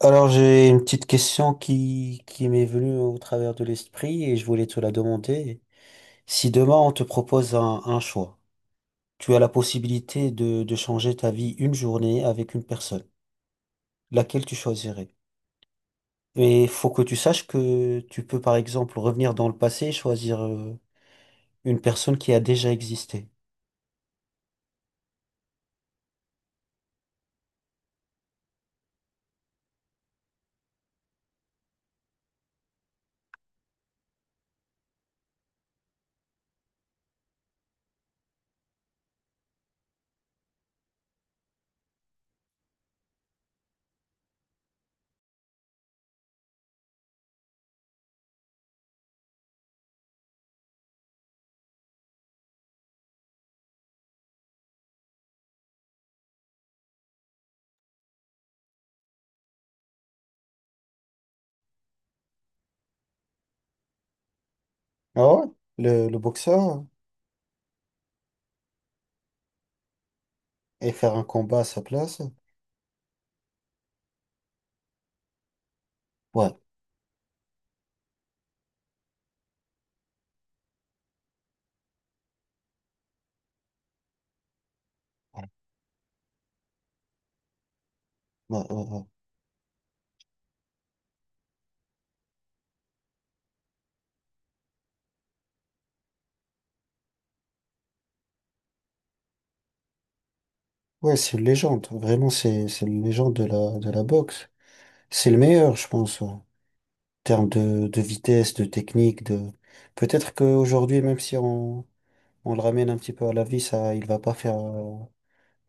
Alors, j'ai une petite question qui m'est venue au travers de l'esprit et je voulais te la demander. Si demain on te propose un choix, tu as la possibilité de changer ta vie une journée avec une personne, laquelle tu choisirais? Et il faut que tu saches que tu peux par exemple revenir dans le passé et choisir une personne qui a déjà existé. Ah ouais? Le boxeur, hein? Et faire un combat à sa place. Ouais. Ouais, ouais, ouais. Ouais, c'est une légende. Vraiment, c'est une légende de la boxe. C'est le meilleur, je pense, ouais. En termes de vitesse, de technique, de... Peut-être qu'aujourd'hui, même si on le ramène un petit peu à la vie, ça, il va pas faire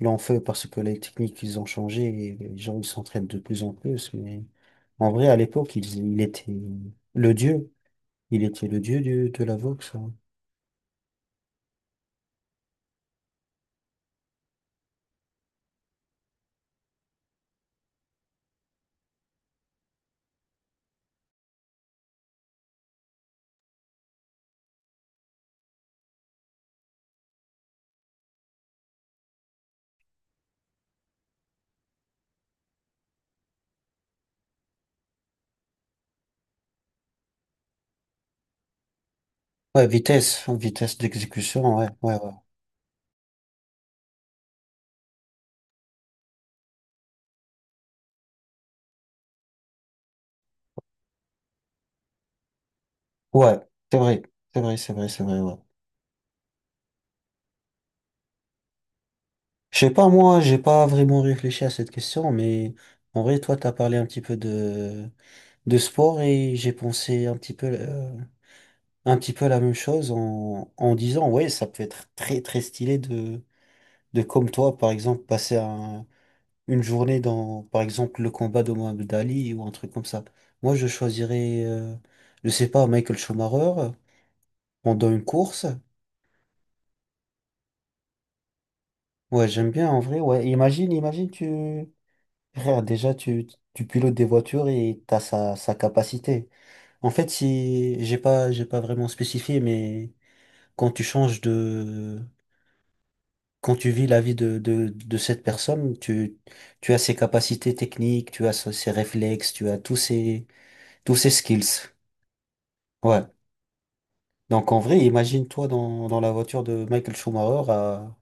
long feu, parce que les techniques, ils ont changé et les gens, ils s'entraînent de plus en plus. Mais en vrai, à l'époque, il était le dieu. Il était le dieu de la boxe, hein. Ouais, vitesse, vitesse d'exécution, ouais, ouais, ouais. Ouais, c'est vrai, c'est vrai, c'est vrai, c'est vrai, ouais. Je sais pas, moi, j'ai pas vraiment réfléchi à cette question, mais en vrai, toi, t'as parlé un petit peu de sport et j'ai pensé un petit peu la même chose en disant, ouais, ça peut être très, très stylé de comme toi, par exemple, passer une journée dans, par exemple, le combat de Mohamed Ali ou un truc comme ça. Moi, je choisirais, je sais pas, Michael Schumacher pendant une course. Ouais, j'aime bien, en vrai, ouais. Imagine, imagine, frère, déjà, tu pilotes des voitures et t'as sa capacité. En fait, si, j'ai pas vraiment spécifié, mais quand tu changes quand tu vis la vie de cette personne, tu as ses capacités techniques, tu as ses réflexes, tu as tous ses skills. Ouais. Donc, en vrai, imagine-toi dans la voiture de Michael Schumacher à,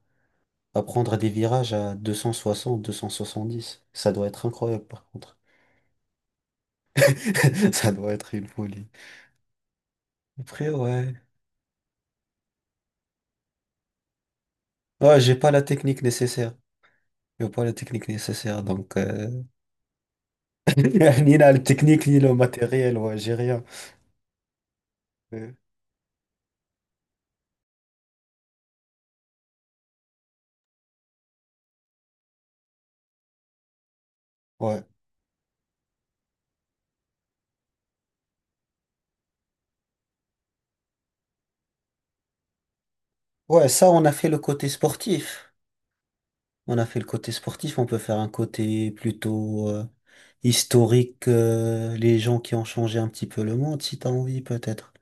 à prendre des virages à deux cent soixante, 270. Ça doit être incroyable, par contre. Ça doit être une folie. Après, ouais. Ouais, j'ai pas la technique nécessaire. J'ai pas la technique nécessaire, donc ni la technique, ni le matériel, ouais, j'ai rien. Euh, Ouais. Ouais, ça, on a fait le côté sportif. On a fait le côté sportif, on peut faire un côté plutôt historique, les gens qui ont changé un petit peu le monde, si t'as envie, peut-être.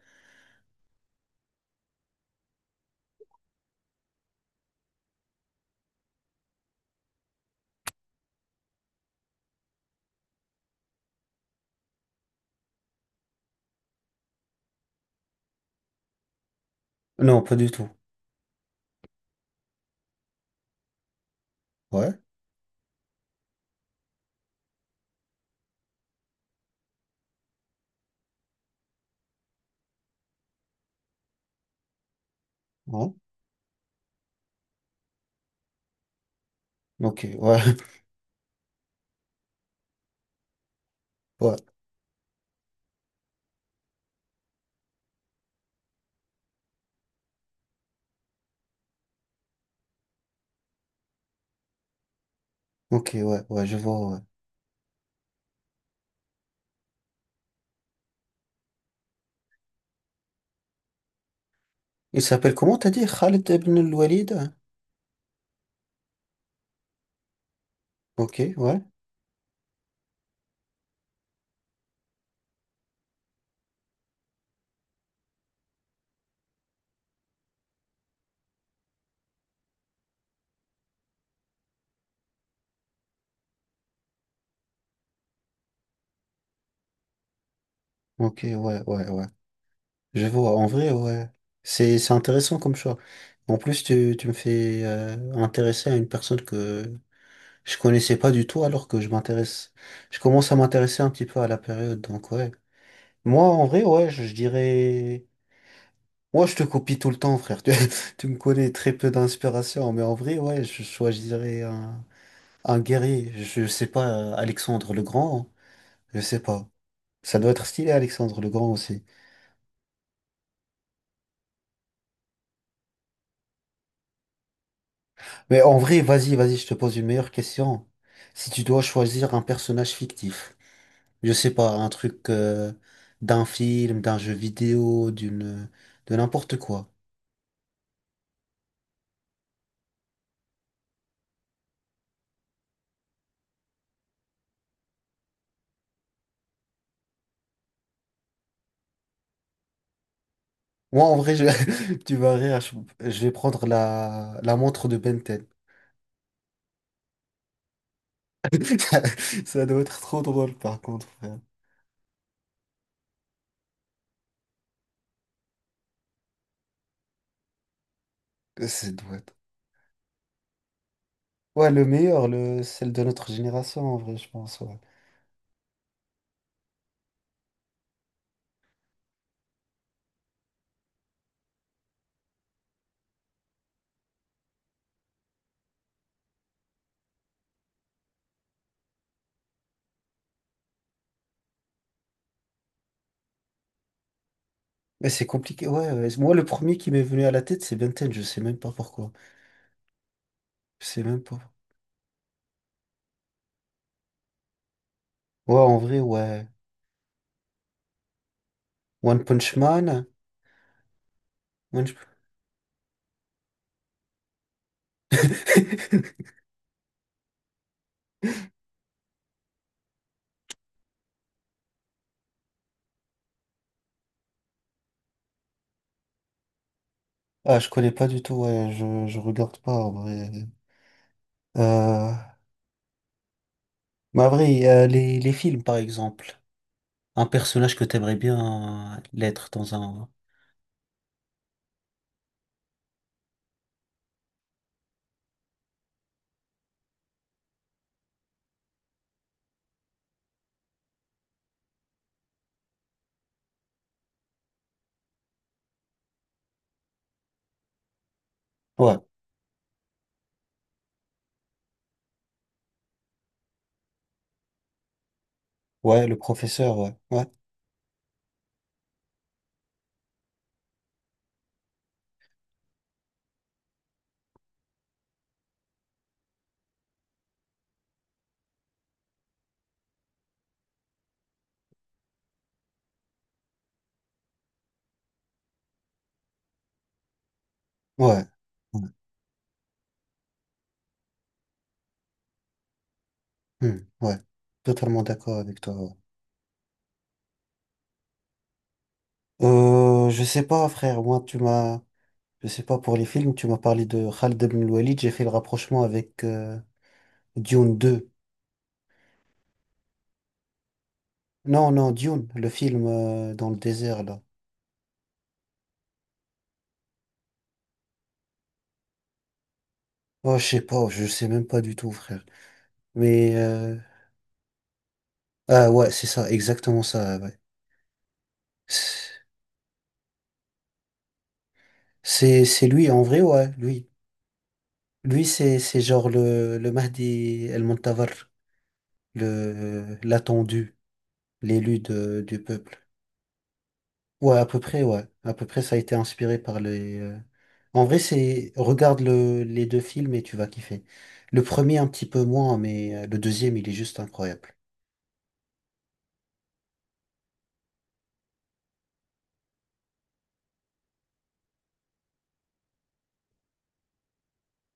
Non, pas du tout. Ouais, non. Ok, ouais, ouais, ok, ouais, ouais, je vois, ouais. Il s'appelle comment t'as dit? Khaled ibn al-Walid? Ok, ouais, ok, ouais, ouais, ouais. Je vois, en vrai, ouais. C'est intéressant comme choix. En plus, tu me fais intéresser à une personne que je connaissais pas du tout alors que je m'intéresse. Je commence à m'intéresser un petit peu à la période, donc ouais. Moi, en vrai, ouais, je dirais. Moi, je te copie tout le temps, frère. Tu me connais très peu d'inspiration, mais en vrai, ouais, je choisirais un guerrier. Je sais pas, Alexandre le Grand, hein. Je sais pas. Ça doit être stylé, Alexandre le Grand aussi. Mais en vrai, vas-y, vas-y, je te pose une meilleure question. Si tu dois choisir un personnage fictif, je sais pas, un truc d'un film, d'un jeu vidéo, de n'importe quoi. Moi, en vrai, tu vas rire, je vais prendre la montre de Ben 10. Ça doit être trop drôle, par contre, frère. Ça doit être- Ouais, le meilleur, celle de notre génération, en vrai, je pense, ouais. Mais c'est compliqué, ouais, ouais. Moi, le premier qui m'est venu à la tête, c'est Ben 10, je sais même pas pourquoi. Je sais même pas. Ouais, en vrai, ouais. One Punch Man. One... Ah, je connais pas du tout, ouais, je regarde pas en vrai. Euh, Mais en vrai, les films par exemple, un personnage que t'aimerais bien l'être dans un. Ouais, ouais, le professeur, ouais, ouais, ouais, ouais, hmm, ouais. Totalement d'accord avec toi, ouais. Je sais pas, frère, moi tu m'as. Je sais pas, pour les films, tu m'as parlé de Khaled Ben Walid, j'ai fait le rapprochement avec Dune deux. Non, non, Dune, le film dans le désert, là. Oh, je sais pas, je sais même pas du tout, frère. Mais, ah ouais, c'est ça, exactement ça, ouais. C'est lui, en vrai, ouais, lui. Lui, c'est genre le Mahdi El-Montavar, l'attendu, l'élu du peuple. Ouais, à peu près, ouais. À peu près, ça a été inspiré par les... En vrai, c'est... Regarde les deux films et tu vas kiffer. Le premier, un petit peu moins, mais le deuxième, il est juste incroyable.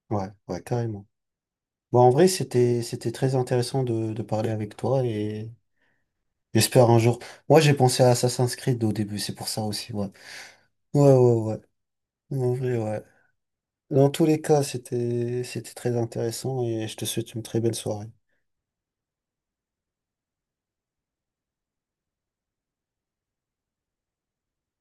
Ouais, ouais, carrément. Bon, en vrai, c'était très intéressant de parler avec toi et j'espère un jour. Moi, j'ai pensé à Assassin's Creed au début, c'est pour ça aussi, ouais. Ouais, ouais, ouais. En vrai, ouais. Dans tous les cas, c'était très intéressant et je te souhaite une très belle soirée.